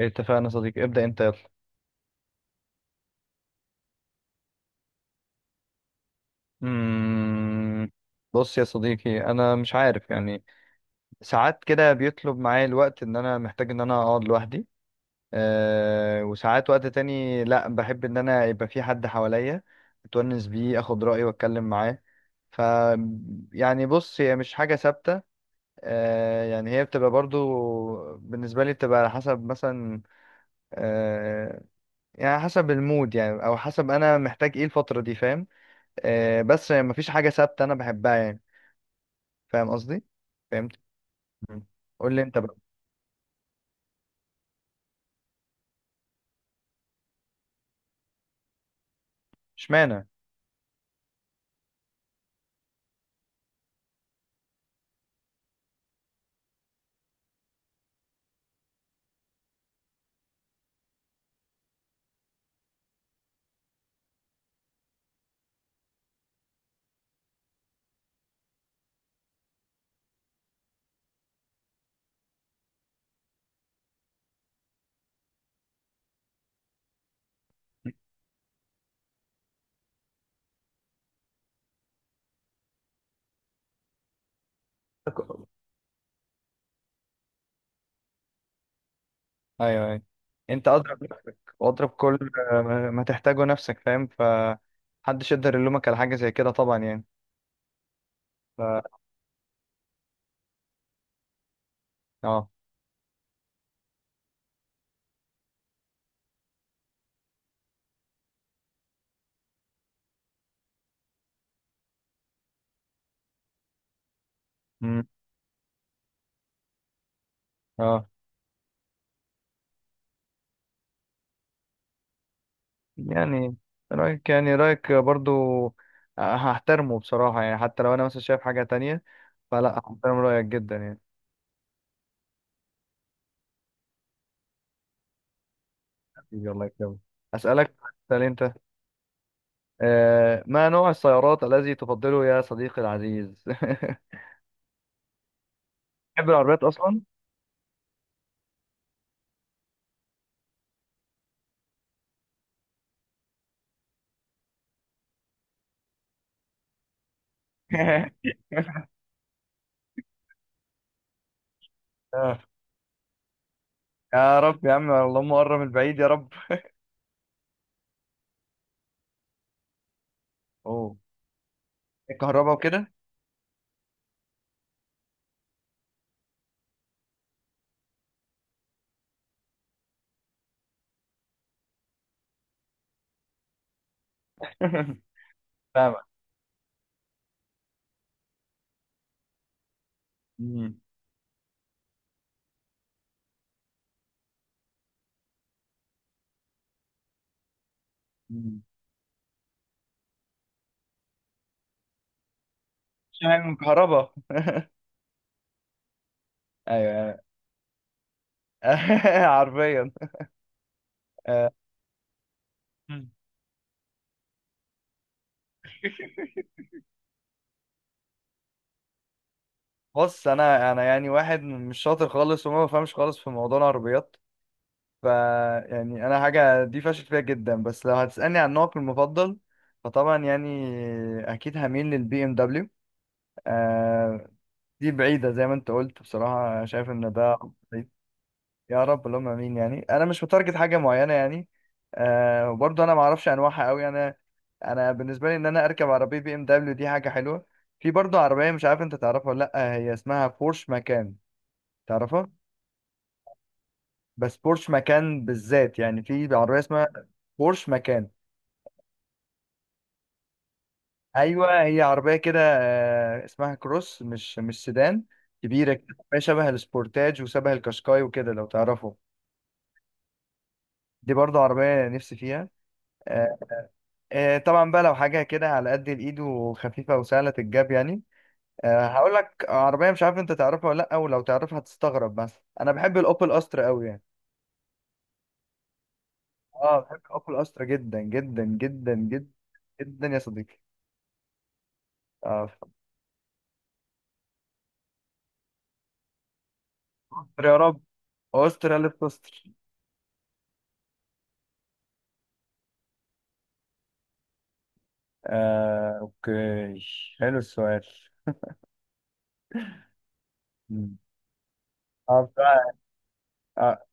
اتفقنا يا صديقي، ابدأ انت، يلا. مم... بص يا صديقي، انا مش عارف يعني. ساعات كده بيطلب معايا الوقت ان انا محتاج ان انا اقعد لوحدي. وساعات وقت تاني لا، بحب ان انا يبقى في حد حواليا اتونس بيه، اخد رأيه واتكلم معاه. ف يعني بص، هي مش حاجة ثابتة. يعني هي بتبقى برضو بالنسبة لي، بتبقى على حسب، مثلا أه يعني حسب المود، يعني او حسب انا محتاج ايه الفترة دي، فاهم؟ بس يعني مفيش حاجة ثابتة أنا بحبها، يعني. فاهم قصدي؟ فهمت؟ مم. قول لي أنت بقى. اشمعنى؟ أيوه، أيوه. أنت أضرب نفسك وأضرب كل ما تحتاجه نفسك، فاهم؟ فمحدش يقدر يلومك على حاجة زي كده طبعا، يعني. ف أه مم. أه يعني رأيك، يعني رأيك برضو هحترمه بصراحة، يعني حتى لو أنا مثلا شايف حاجة تانية، فلا هحترم رأيك جدا يعني. حبيبي، الله يكرمك. أسألك. سأل أنت. ما نوع السيارات الذي تفضله يا صديقي العزيز؟ تحب العربيات اصلا؟ آه، يا رب، يا عم، اللهم قرب من بعيد يا رب. اوه. الكهرباء وكده. فاهمك. مم. مم. شايل من كهرباء. ايوه. حرفيا. آه، مم. بص، انا يعني واحد مش شاطر خالص، وما بفهمش خالص في موضوع العربيات. ف يعني انا حاجه دي فاشل فيها جدا، بس لو هتسالني عن نوعك المفضل، فطبعا يعني اكيد هميل للبي ام. آه دي بعيدة زي ما انت قلت، بصراحة شايف ان ده بعيد. يا رب، اللهم امين. يعني انا مش متارجت حاجة معينة يعني. وبرضه انا ما اعرفش انواعها قوي. انا انا بالنسبة لي، ان انا اركب عربية بي ام دبليو دي حاجة حلوة. في برضه عربية مش عارف انت تعرفها ولا لا، هي اسمها بورش مكان. تعرفها؟ بس بورش مكان بالذات، يعني في عربية اسمها بورش مكان. ايوه، هي عربية كده، اسمها كروس، مش سيدان. كبيرة كده، شبه السبورتاج وشبه الكاشكاي وكده لو تعرفه. دي برضو عربية نفسي فيها. آه، طبعا بقى لو حاجة كده على قد الإيد وخفيفة وسهلة الجاب، يعني هقول لك عربية مش عارف أنت تعرفها ولا لأ، ولو تعرفها هتستغرب، بس أنا بحب الأوبل أسترا أوي يعني. أه بحب الأوبل أسترا جدا جدا جدا جدا جدا يا صديقي. أه أستر يا رب، أستر، ألف أستر. أوكي. حلو السؤال. مم. بصراحة آه،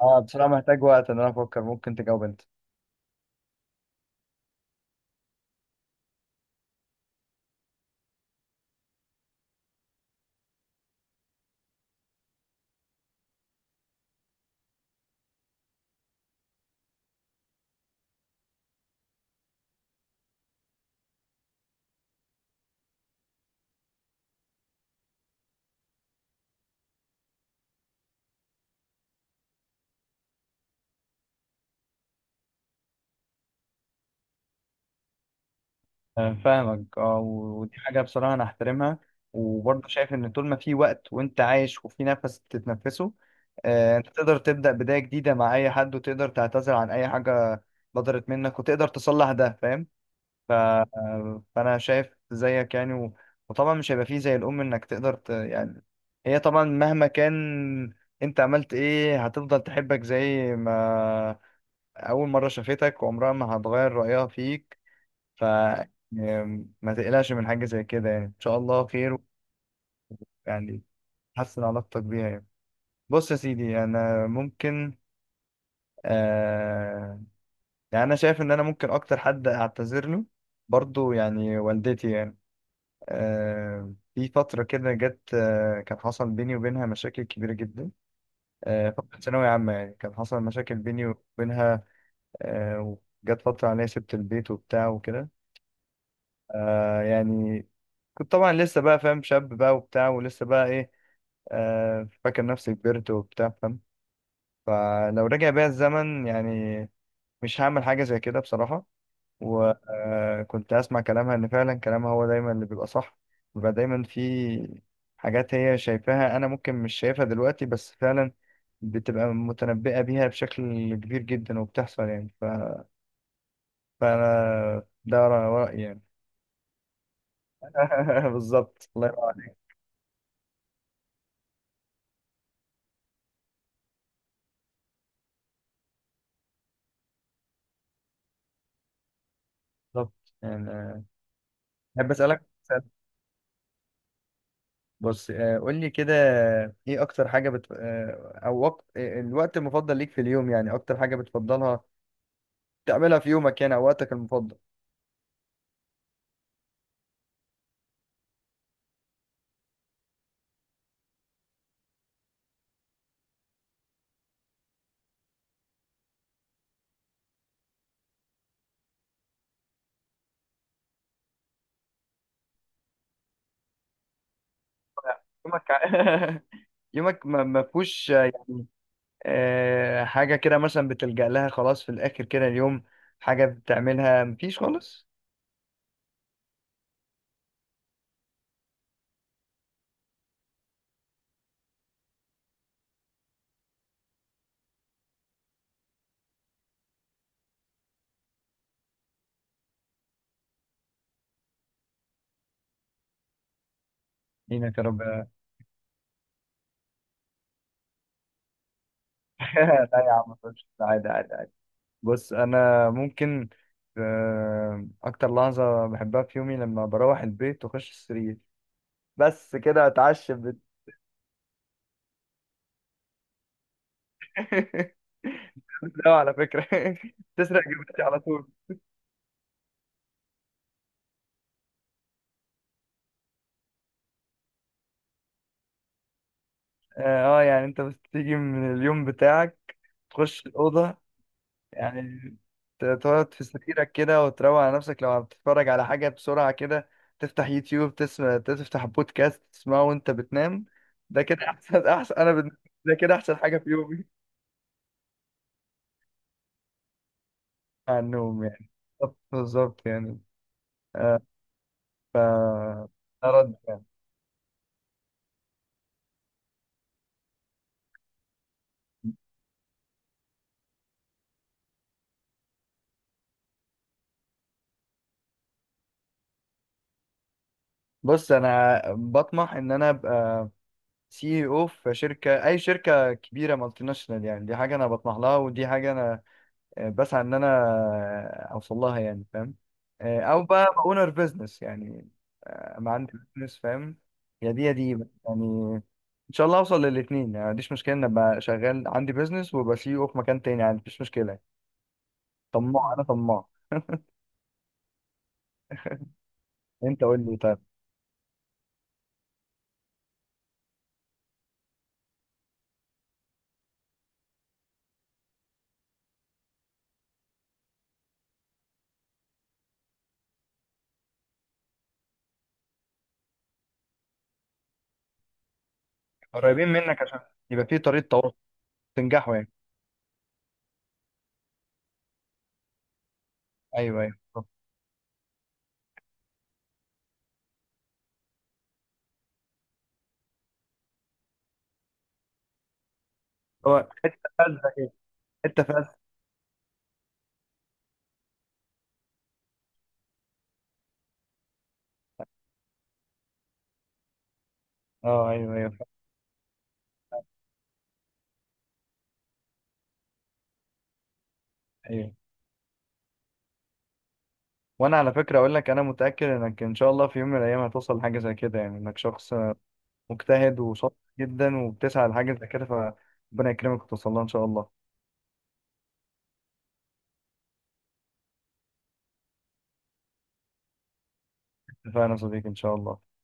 بصراحة محتاج وقت إن أنا أفكر، ممكن تجاوب أنت. فاهمك، ودي حاجة بصراحة أنا أحترمها، وبرضه شايف إن طول ما في وقت وأنت عايش وفي نفس تتنفسه، أنت تقدر تبدأ بداية جديدة مع أي حد، وتقدر تعتذر عن أي حاجة بدرت منك، وتقدر تصلح ده، فاهم؟ ف... آه، فأنا شايف زيك يعني. وطبعا مش هيبقى فيه زي الأم، إنك تقدر يعني، هي طبعا مهما كان أنت عملت إيه هتفضل تحبك زي ما أول مرة شافتك، وعمرها ما هتغير رأيها فيك. ف ما تقلقش من حاجة زي كده، يعني إن شاء الله خير، يعني تحسن علاقتك بيها يعني. بص يا سيدي، أنا ممكن آه يعني أنا شايف إن أنا ممكن أكتر حد أعتذر له برضو يعني والدتي، يعني في فترة كده جت، كان حصل بيني وبينها مشاكل كبيرة جدا. فترة ثانوية عامة يعني، كان حصل مشاكل بيني وبينها. آه وجت فترة عليها سبت البيت وبتاع وكده. يعني كنت طبعا لسه بقى، فاهم، شاب بقى وبتاع، ولسه بقى ايه، فاكر نفسي كبرت وبتاع، فاهم؟ فلو رجع بيا الزمن يعني مش هعمل حاجة زي كده بصراحة. وكنت أسمع كلامها، إن فعلا كلامها هو دايما اللي بيبقى صح. بيبقى دايما في حاجات هي شايفاها أنا ممكن مش شايفها دلوقتي، بس فعلا بتبقى متنبئة بيها بشكل كبير جدا، وبتحصل يعني. فأنا ده رأيي يعني. بالظبط، الله ينور. بالظبط يعني. أحب أسألك سؤال. بص، قول لي كده، إيه أكتر حاجة بت... آه، أو وقت... آه، الوقت المفضل ليك في اليوم؟ يعني أكتر حاجة بتفضلها تعملها في يومك، يعني، أو وقتك المفضل. يومك يومك ما فيهوش يعني حاجة كده مثلا بتلجأ لها خلاص في الآخر كده اليوم، حاجة بتعملها مفيش خالص؟ دينك يا رب لا يا عم، مفيش. عادي، عادي. بص، انا ممكن اكتر لحظه بحبها في يومي لما بروح البيت واخش السرير، بس كده، اتعشى. لا، على فكره تسرق جبتي على طول. اه. يعني انت بس تيجي من اليوم بتاعك تخش الاوضه، يعني تقعد في سريرك كده وتروق على نفسك، لو بتتفرج على حاجه بسرعه كده، تفتح يوتيوب تسمع، تفتح بودكاست تسمعه وانت بتنام. ده كده احسن، احسن، انا ده كده احسن حاجه في يومي، على النوم يعني. بالظبط، بالظبط يعني. آه، ف أرد يعني، بص أنا بطمح إن أنا أبقى سي او في شركة، أي شركة كبيرة مالتي ناشونال، يعني دي حاجة أنا بطمح لها، ودي حاجة أنا بسعى إن أنا أوصل لها يعني، فاهم؟ أو بقى أونر بزنس، يعني ما عندي بزنس، فاهم؟ يا دي يا دي، بس يعني إن شاء الله أوصل للاتنين، يعني ما عنديش مشكلة إن أبقى شغال عندي بزنس وأبقى سي او في مكان تاني، يعني مفيش مشكلة. طماع، أنا طماع. أنت قول لي طيب. قريبين منك عشان يبقى في طريقه تواصل، تنجحوا يعني. ايوه، ايوه، طب. هو حته فازه كده، حته فازه. اه، ايوه، ايوه، ايوه. وانا على فكره اقول لك، انا متاكد انك ان شاء الله في يوم من الايام هتوصل لحاجه زي كده، يعني انك شخص مجتهد وشاطر جدا وبتسعى لحاجه زي كده، فربنا يكرمك وتوصل لها ان شاء الله. اتفقنا يا صديقي، ان شاء الله.